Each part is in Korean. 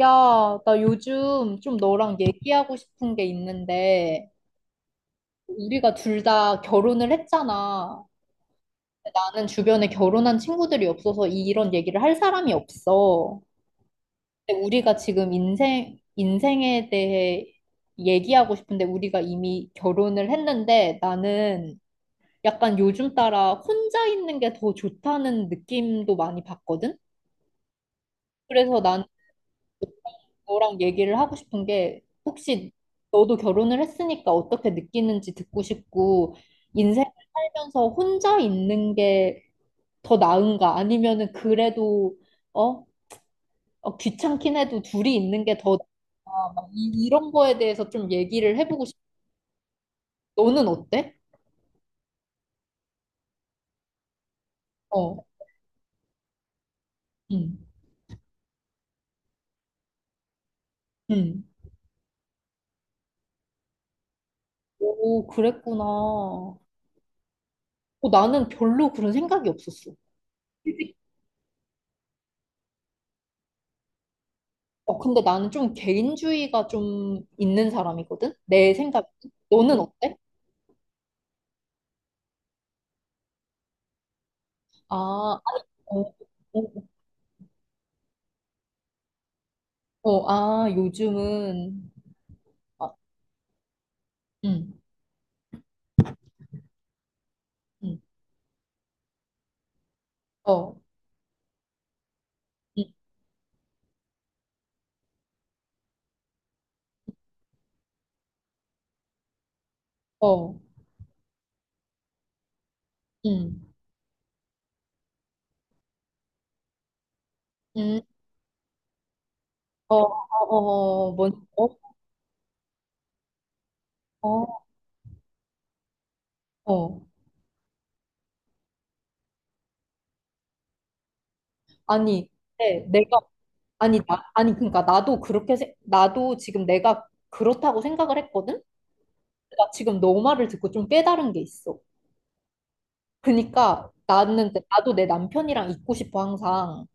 야, 나 요즘 좀 너랑 얘기하고 싶은 게 있는데, 우리가 둘 다 결혼을 했잖아. 나는 주변에 결혼한 친구들이 없어서 이런 얘기를 할 사람이 없어. 근데 우리가 지금 인생에 대해 얘기하고 싶은데, 우리가 이미 결혼을 했는데, 나는 약간 요즘 따라 혼자 있는 게 더 좋다는 느낌도 많이 받거든? 그래서 난 너랑 얘기를 하고 싶은 게 혹시 너도 결혼을 했으니까 어떻게 느끼는지 듣고 싶고 인생을 살면서 혼자 있는 게 더 나은가 아니면은 그래도 어? 귀찮긴 해도 둘이 있는 게 더 나은가 막 이런 거에 대해서 좀 얘기를 해보고 싶어. 너는 어때? 어. 응. 응. 오, 그랬구나. 어, 나는 별로 그런 생각이 없었어. 어, 근데 나는 좀 개인주의가 좀 있는 사람이거든? 내 생각. 너는 어때? 아, 어, 어, 어, 아, 요즘은, 아, 응 응, 어, 응 어, 응응 어, 어, 어, 어, 어. 어. 어. 아니, 네, 내가, 아니, 나, 아니, 그러니까 나도 그렇게, 나도 지금 내가 그렇다고 생각을 했거든? 나 지금 너 말을 듣고 좀 깨달은 게 있어. 그러니까 나는, 나도 내 남편이랑 있고 싶어, 항상.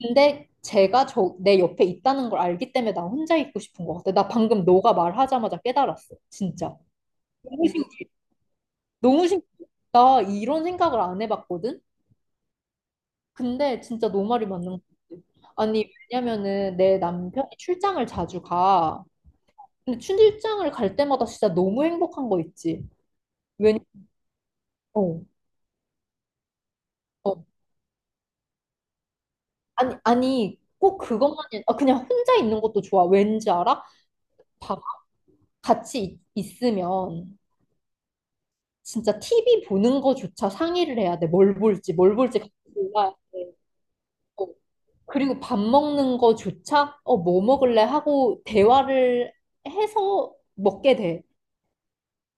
근데 제가 저, 내 옆에 있다는 걸 알기 때문에 나 혼자 있고 싶은 것 같아. 나 방금 너가 말하자마자 깨달았어. 진짜. 너무 신, 너무 신, 나 이런 생각을 안 해봤거든? 근데 진짜 너 말이 맞는 것 같아. 아니, 왜냐면은 내 남편이 출장을 자주 가. 근데 출장을 갈 때마다 진짜 너무 행복한 거 있지. 왜냐, 어, 어. 아니, 아니, 꼭 그것만이, 아, 그냥 혼자 있는 것도 좋아. 왠지 알아? 봐. 같이 있으면. 진짜 TV 보는 거조차 상의를 해야 돼. 뭘 볼지, 뭘 볼지 같이 골라야 돼. 어, 그리고 밥 먹는 거조차 어, 뭐 먹을래 하고 대화를 해서 먹게 돼.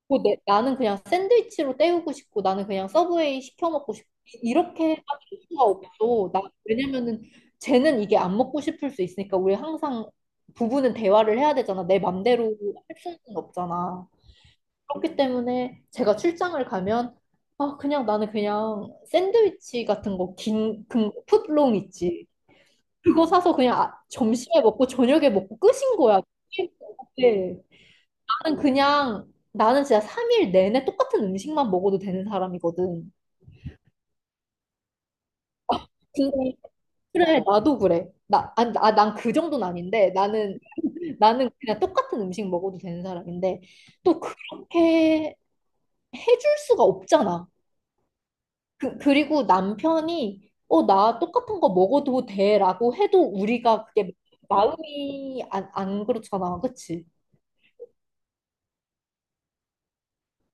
뭐 나는 그냥 샌드위치로 때우고 싶고 나는 그냥 서브웨이 시켜 먹고 싶고 이렇게 할 수가 없어. 나, 왜냐면은 쟤는 이게 안 먹고 싶을 수 있으니까 우리 항상 부부는 대화를 해야 되잖아. 내 맘대로 할 수는 없잖아. 그렇기 때문에 제가 출장을 가면 아 그냥 나는 그냥 샌드위치 같은 거 긴 그 풋롱 있지 그거 사서 그냥 점심에 먹고 저녁에 먹고 끝인 거야. 네. 나는 그냥 나는 진짜 3일 내내 똑같은 음식만 먹어도 되는 사람이거든. 근데 그래 나도 그래. 난그 정도는 아닌데 나는 그냥 똑같은 음식 먹어도 되는 사람인데 또 그렇게 해줄 수가 없잖아. 그리고 남편이 어, 나 똑같은 거 먹어도 돼라고 해도 우리가 그게 마음이 안 그렇잖아. 그치?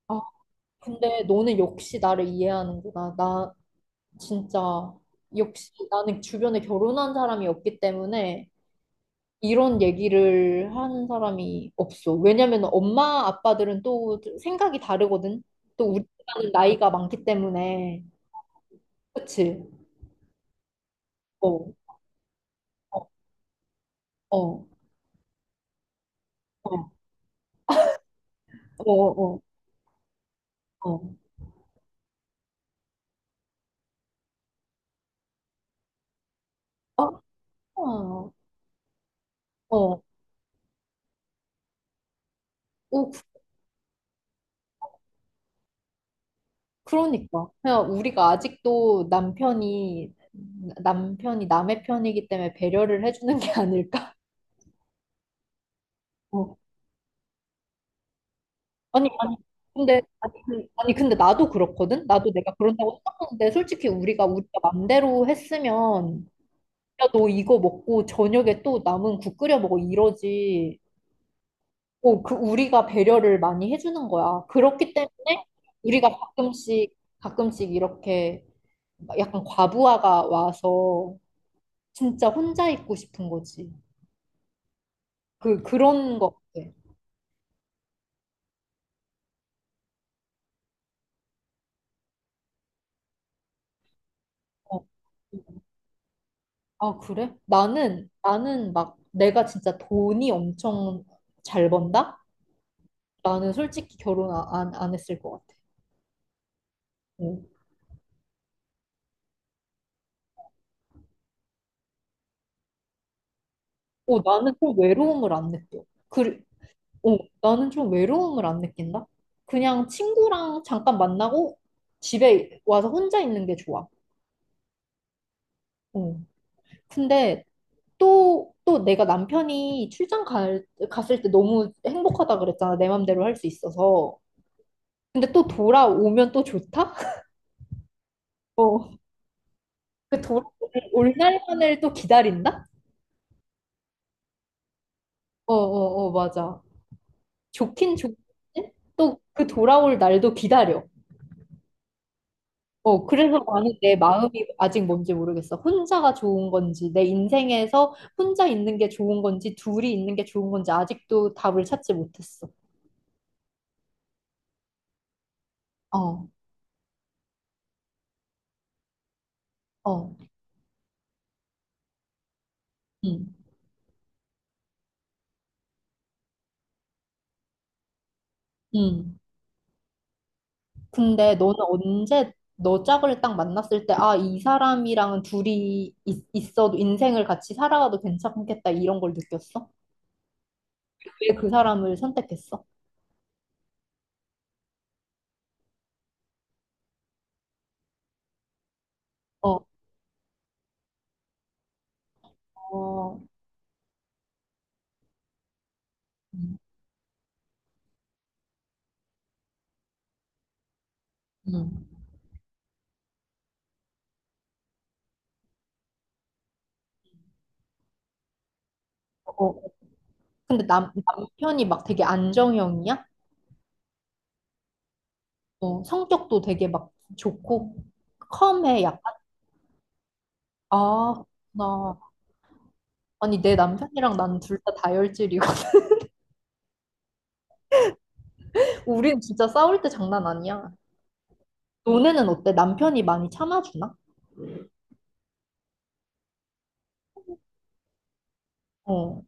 아, 근데 너는 역시 나를 이해하는구나. 나 진짜 역시 나는 주변에 결혼한 사람이 없기 때문에 이런 얘기를 하는 사람이 없어. 왜냐면 엄마 아빠들은 또 생각이 다르거든. 또 우리는 나이가 많기 때문에. 그치? 어, 어, 어, 어, 어, 어. 어. 어. 어, 어, 어, 그러니까. 그냥 우리가 아직도 남편이 남의 편이기 때문에 배려를 해주는 게 아닐까? 어. 아니, 아니, 근데, 아니, 아니, 근데 나도 그렇거든? 나도 내가 그런다고 생각하는데, 솔직히 우리가 맘대로 했으면, 야, 너 이거 먹고 저녁에 또 남은 국 끓여 먹어, 이러지. 어, 그, 우리가 배려를 많이 해주는 거야. 그렇기 때문에 우리가 가끔씩, 가끔씩 이렇게 막 약간 과부하가 와서 진짜 혼자 있고 싶은 거지. 그런 거 같아. 어. 아, 그래? 나는 막 내가 진짜 돈이 엄청 잘 번다? 나는 솔직히 결혼 안 했을 것 같아. 어. 어, 나는 좀 외로움을 안 느껴. 그, 어, 나는 좀 외로움을 안 느낀다? 그냥 친구랑 잠깐 만나고 집에 와서 혼자 있는 게 좋아. 어. 근데 또 내가 남편이 갔을 때 너무 행복하다 그랬잖아. 내 맘대로 할 수 있어서. 근데 또 돌아오면 또 좋다? 어. 그 돌아올 날만을 또 기다린다? 어, 어, 어, 맞아. 좋긴 좋은데 또 그 돌아올 날도 기다려. 어, 그래서 나는 내 마음이 아직 뭔지 모르겠어. 혼자가 좋은 건지, 내 인생에서 혼자 있는 게 좋은 건지, 둘이 있는 게 좋은 건지 아직도 답을 찾지 못했어. 어, 어, 음, 음. 근데 너는 언제 너 짝을 딱 만났을 때, 아, 이 사람이랑은 둘이 있어도 인생을 같이 살아가도 괜찮겠다 이런 걸 느꼈어? 왜 그 사람을 선택했어? 어, 어, 음, 음. 어, 어. 근데 남편이 막 되게 안정형이야? 어, 성격도 되게 막 좋고 컴해 약간. 아, 나 아니 내 남편이랑 난 둘 다 다혈질이고 우린 진짜 싸울 때 장난 아니야. 너네는 어때? 남편이 많이 참아주나? 어.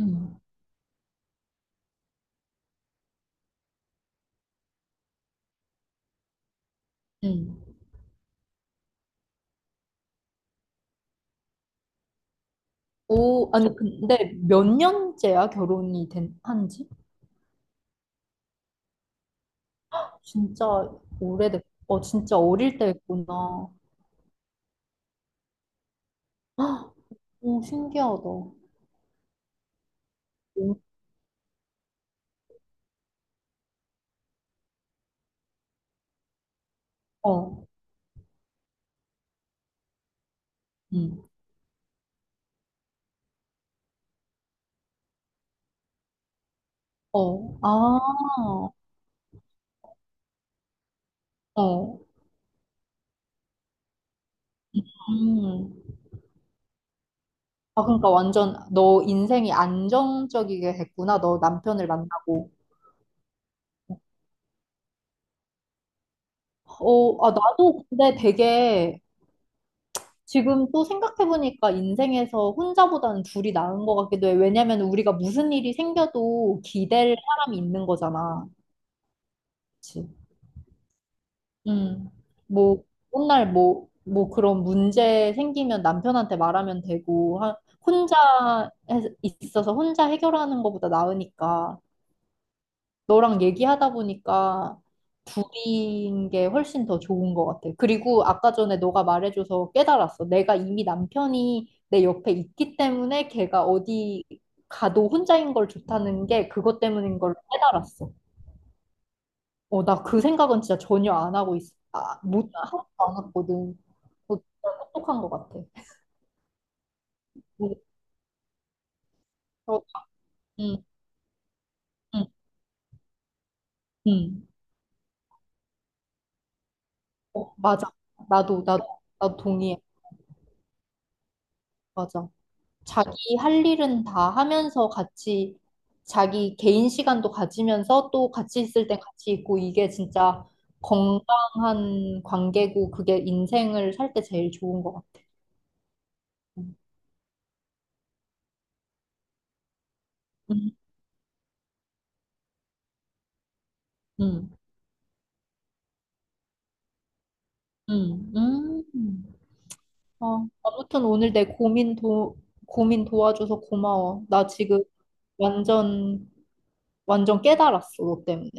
음. 응. 오, 아니, 근데 몇 년째야, 한지? 진짜 오래됐, 어, 진짜 어릴 때 했구나. 헉, 오, 신기하다. 오, 어, 응, 어, 아, 어, 음. 아, 그러니까 완전 너 인생이 안정적이게 됐구나, 너 남편을 만나고. 어, 아, 나도 근데 되게 지금 또 생각해보니까 인생에서 혼자보다는 둘이 나은 것 같기도 해. 왜냐면 우리가 무슨 일이 생겨도 기댈 사람이 있는 거잖아. 그치? 음. 뭐, 맨날 뭐 그런 문제 생기면 남편한테 말하면 되고, 혼자 있어서 혼자 해결하는 것보다 나으니까. 너랑 얘기하다 보니까 둘인 게 훨씬 더 좋은 것 같아. 그리고 아까 전에 너가 말해줘서 깨달았어. 내가 이미 남편이 내 옆에 있기 때문에 걔가 어디 가도 혼자인 걸 좋다는 게 그것 때문인 걸 깨달았어. 어, 나 그 생각은 진짜 전혀 안 하고 있어. 아, 못, 하나도 안 했거든. 어, 진짜 똑똑한 것 같아. 뭐, 어, 음, 음, 음. 어, 맞아. 나도, 나도, 나도 동의해. 맞아. 자기 할 일은 다 하면서 같이 자기 개인 시간도 가지면서 또 같이 있을 땐 같이 있고 이게 진짜 건강한 관계고 그게 인생을 살 때 제일 좋은 것 같아요. 음, 음, 음, 음. 아, 아무튼 오늘 내 고민 고민 도와줘서 고마워. 나 지금 완전, 완전 깨달았어, 너 때문에.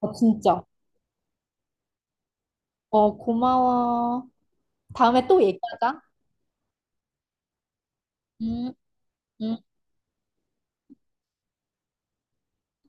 아, 진짜. 어, 고마워. 다음에 또 얘기하자. 음, 음.